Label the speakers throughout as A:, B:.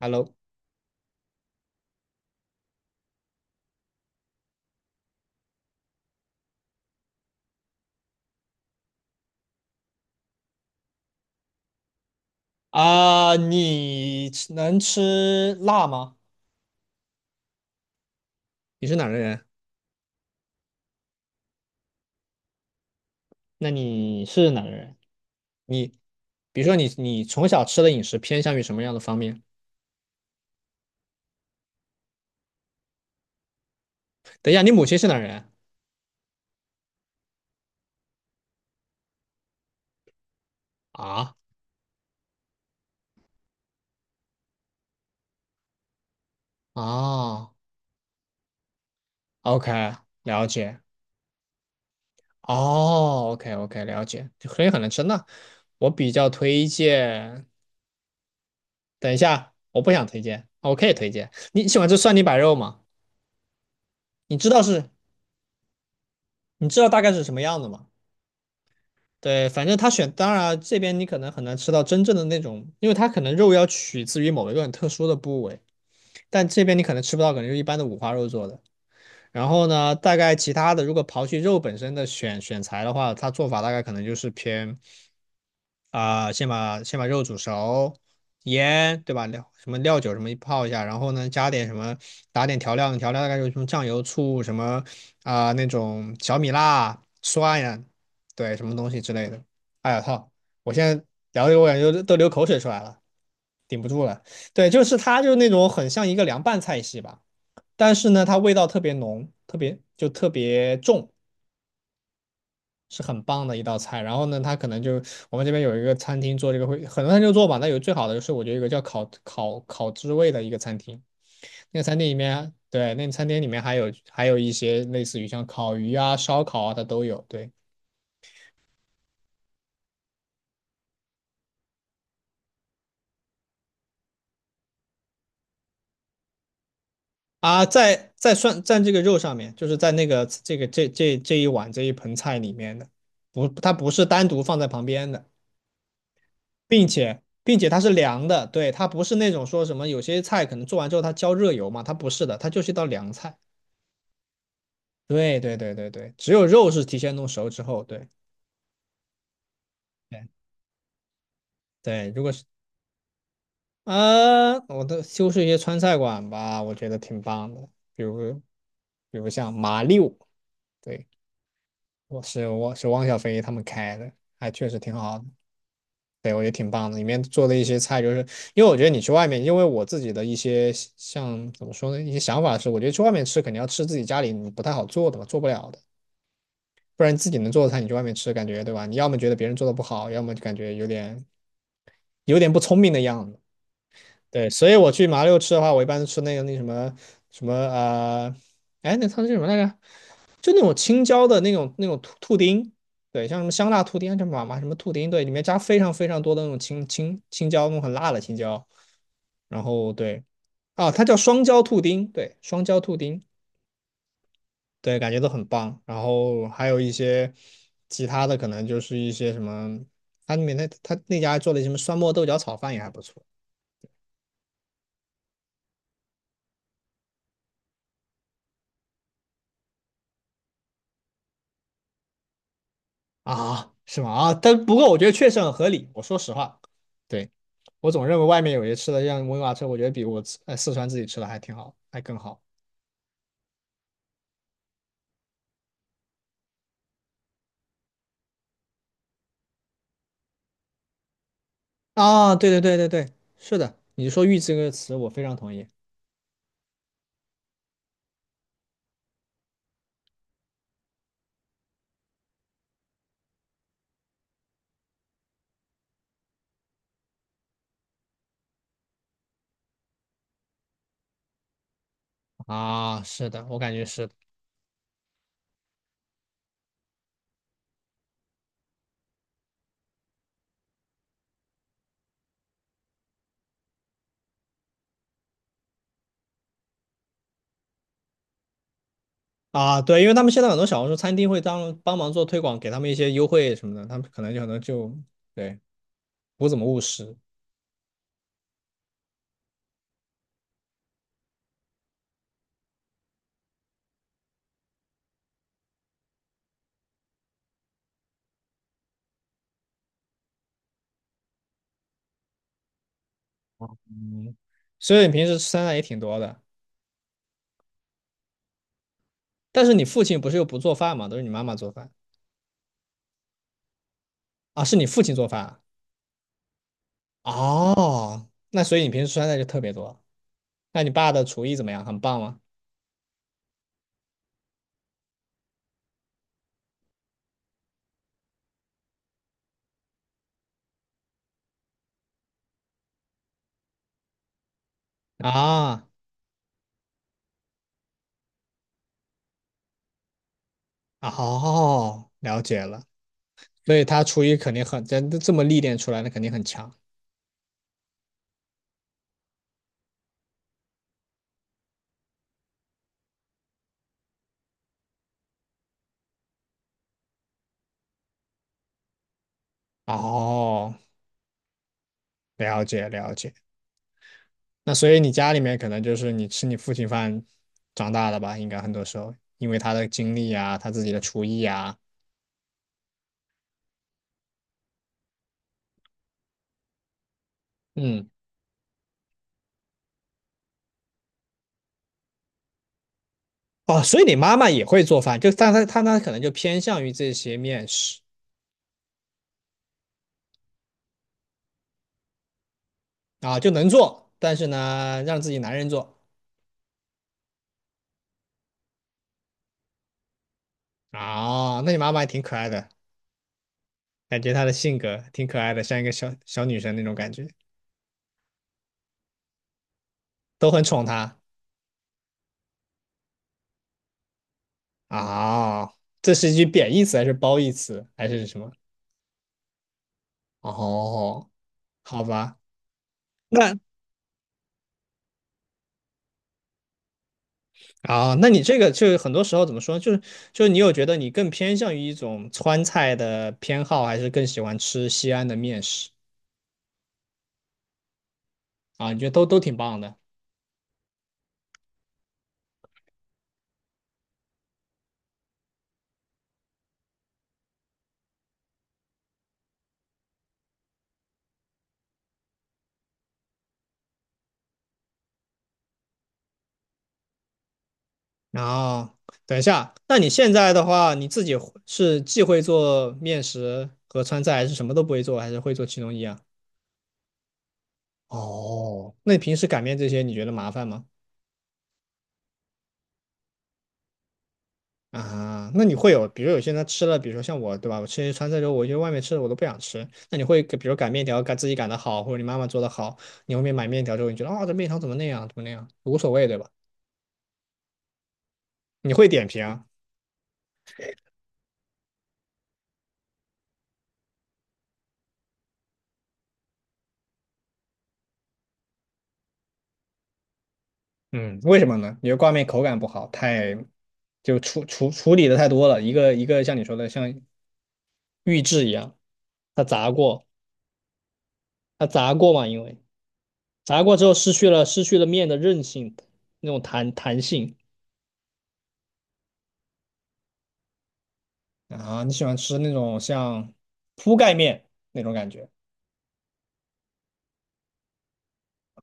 A: Hello，啊，能吃辣吗？你是哪儿的人？那你是哪的人？你比如说你从小吃的饮食偏向于什么样的方面？等一下，你母亲是哪儿人？啊啊，OK，了解。哦，OK OK，了解。所以很能吃。那我比较推荐，等一下，我不想推荐，我可以推荐。你喜欢吃蒜泥白肉吗？你知道是，你知道大概是什么样的吗？对，反正当然这边你可能很难吃到真正的那种，因为它可能肉要取自于某一个很特殊的部位，但这边你可能吃不到，可能就一般的五花肉做的。然后呢，大概其他的，如果刨去肉本身的选材的话，它做法大概可能就是先把肉煮熟，盐对吧？料什么料酒什么泡一下，然后呢加点什么，打点调料，调料大概就是什么酱油、醋什么那种小米辣、蒜呀，对什么东西之类的。哎呀操！我现在聊的我感觉都流口水出来了，顶不住了。对，就是它就是那种很像一个凉拌菜系吧，但是呢它味道特别浓，特别重。是很棒的一道菜。然后呢，它可能就我们这边有一个餐厅做这个会，很多餐厅做吧。那有最好的就是我觉得有一个叫烤知味的一个餐厅，那个餐厅里面，对，那个餐厅里面还有一些类似于像烤鱼啊、烧烤啊，它都有。对啊，涮在这个肉上面，就是在这一这一盆菜里面的，不，它不是单独放在旁边的。并且它是凉的，对，它不是那种说什么有些菜可能做完之后它浇热油嘛，它不是的，它就是一道凉菜。对对对对对，只有肉是提前弄熟之后，对对对，如果是啊，我都修饰一些川菜馆吧，我觉得挺棒的，比如比如像麻六，对，我是汪小菲他们开的，还确实挺好的，对我觉得挺棒的，里面做的一些菜就是，因为我觉得你去外面，因为我自己的一些像怎么说呢，一些想法是，我觉得去外面吃肯定要吃自己家里你不太好做的吧，做不了的。不然自己能做的菜，你去外面吃，感觉对吧？你要么觉得别人做的不好，要么就感觉有点不聪明的样子。对，所以我去麻六吃的话，我一般都吃那个那什么什么呃，哎，那它是什么来着？就那种青椒的那种兔丁，对，像什么香辣兔丁，叫麻什么兔丁，对，里面加非常非常多的那种青椒，那种很辣的青椒。然后对啊，它叫双椒兔丁，对，双椒兔丁，对，感觉都很棒。然后还有一些其他的，可能就是一些什么，它里面那它那家做的什么酸沫豆角炒饭也还不错。啊，是吗？啊，但不过我觉得确实很合理。我说实话，对，我总认为外面有些吃的像温瓦车，我觉得比四川自己吃的还挺好，还更好。啊，对对对对对，是的，你说"玉"这个词，我非常同意。啊，是的，我感觉是的啊，对，因为他们现在很多小红书餐厅会当帮忙做推广，给他们一些优惠什么的，他们可能就对不怎么务实。嗯，所以你平时吃酸菜也挺多的，但是你父亲不是又不做饭嘛，都是你妈妈做饭啊？是你父亲做饭啊哦，那所以你平时酸的就特别多。那你爸的厨艺怎么样？很棒吗？啊，哦，了解了。所以他厨艺肯定很，这这么历练出来的肯定很强。哦，了解了解。那所以你家里面可能就是你吃你父亲饭长大的吧？应该很多时候，因为他的经历啊，他自己的厨艺啊，嗯，哦，所以你妈妈也会做饭，就但她可能就偏向于这些面食啊，就能做，但是呢，让自己男人做。啊，那你妈妈也挺可爱的，感觉她的性格挺可爱的，像一个小小女生那种感觉，都很宠她啊。这是一句贬义词还是褒义词还是什么？哦，好吧，那啊，那你这个就很多时候怎么说，就是就是你有觉得你更偏向于一种川菜的偏好，还是更喜欢吃西安的面食啊？你觉得都挺棒的然后，等一下，那你现在的话，你自己会是既会做面食和川菜，还是什么都不会做，还是会做其中一样？哦，那你平时擀面这些，你觉得麻烦吗？啊，那你会有，比如有些人他吃了，比如说像我，对吧？我吃一些川菜之后，我觉得外面吃的我都不想吃。那你会给比如擀面条，擀自己擀的好，或者你妈妈做的好，你后面买面条之后，你觉得啊、这面条怎么那样，怎么那样，无所谓，对吧？你会点评，嗯，为什么呢？因为挂面口感不好，太就处理的太多了，一个一个像你说的像预制一样，它炸过，它炸过嘛，因为炸过之后失去了面的韧性，那种弹性啊。你喜欢吃那种像铺盖面那种感觉？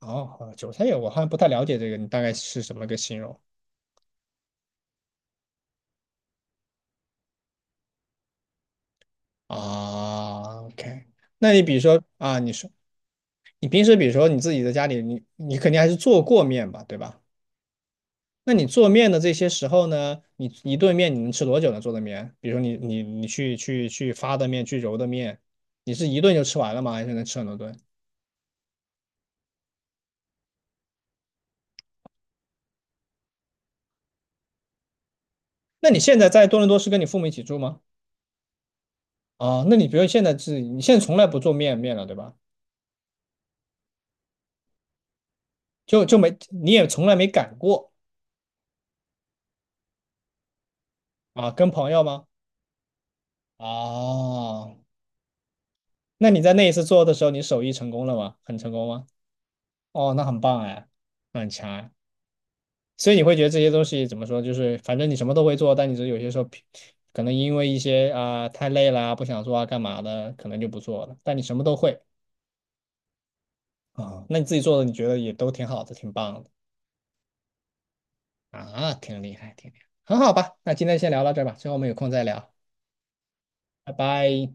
A: 哦，韭菜叶我好像不太了解这个，你大概是什么个形容啊？OK,那你比如说啊，你说你平时比如说你自己在家里，你你肯定还是做过面吧，对吧？那你做面的这些时候呢，你一顿面你能吃多久呢？做的面，比如说你你你去发的面，去揉的面，你是一顿就吃完了吗？还是能吃很多顿？那你现在在多伦多是跟你父母一起住吗？啊，那你比如现在是你现在从来不做面了，对吧？就就没你也从来没擀过啊？跟朋友吗？啊，那你在那一次做的时候，你手艺成功了吗？很成功吗？哦，那很棒哎，那很强哎。所以你会觉得这些东西怎么说，就是反正你什么都会做，但你只是有些时候可能因为一些太累啦，不想做啊干嘛的，可能就不做了。但你什么都会那你自己做的你觉得也都挺好的，挺棒的啊，挺厉害，挺厉害，很好吧？那今天先聊到这儿吧，之后我们有空再聊，拜拜。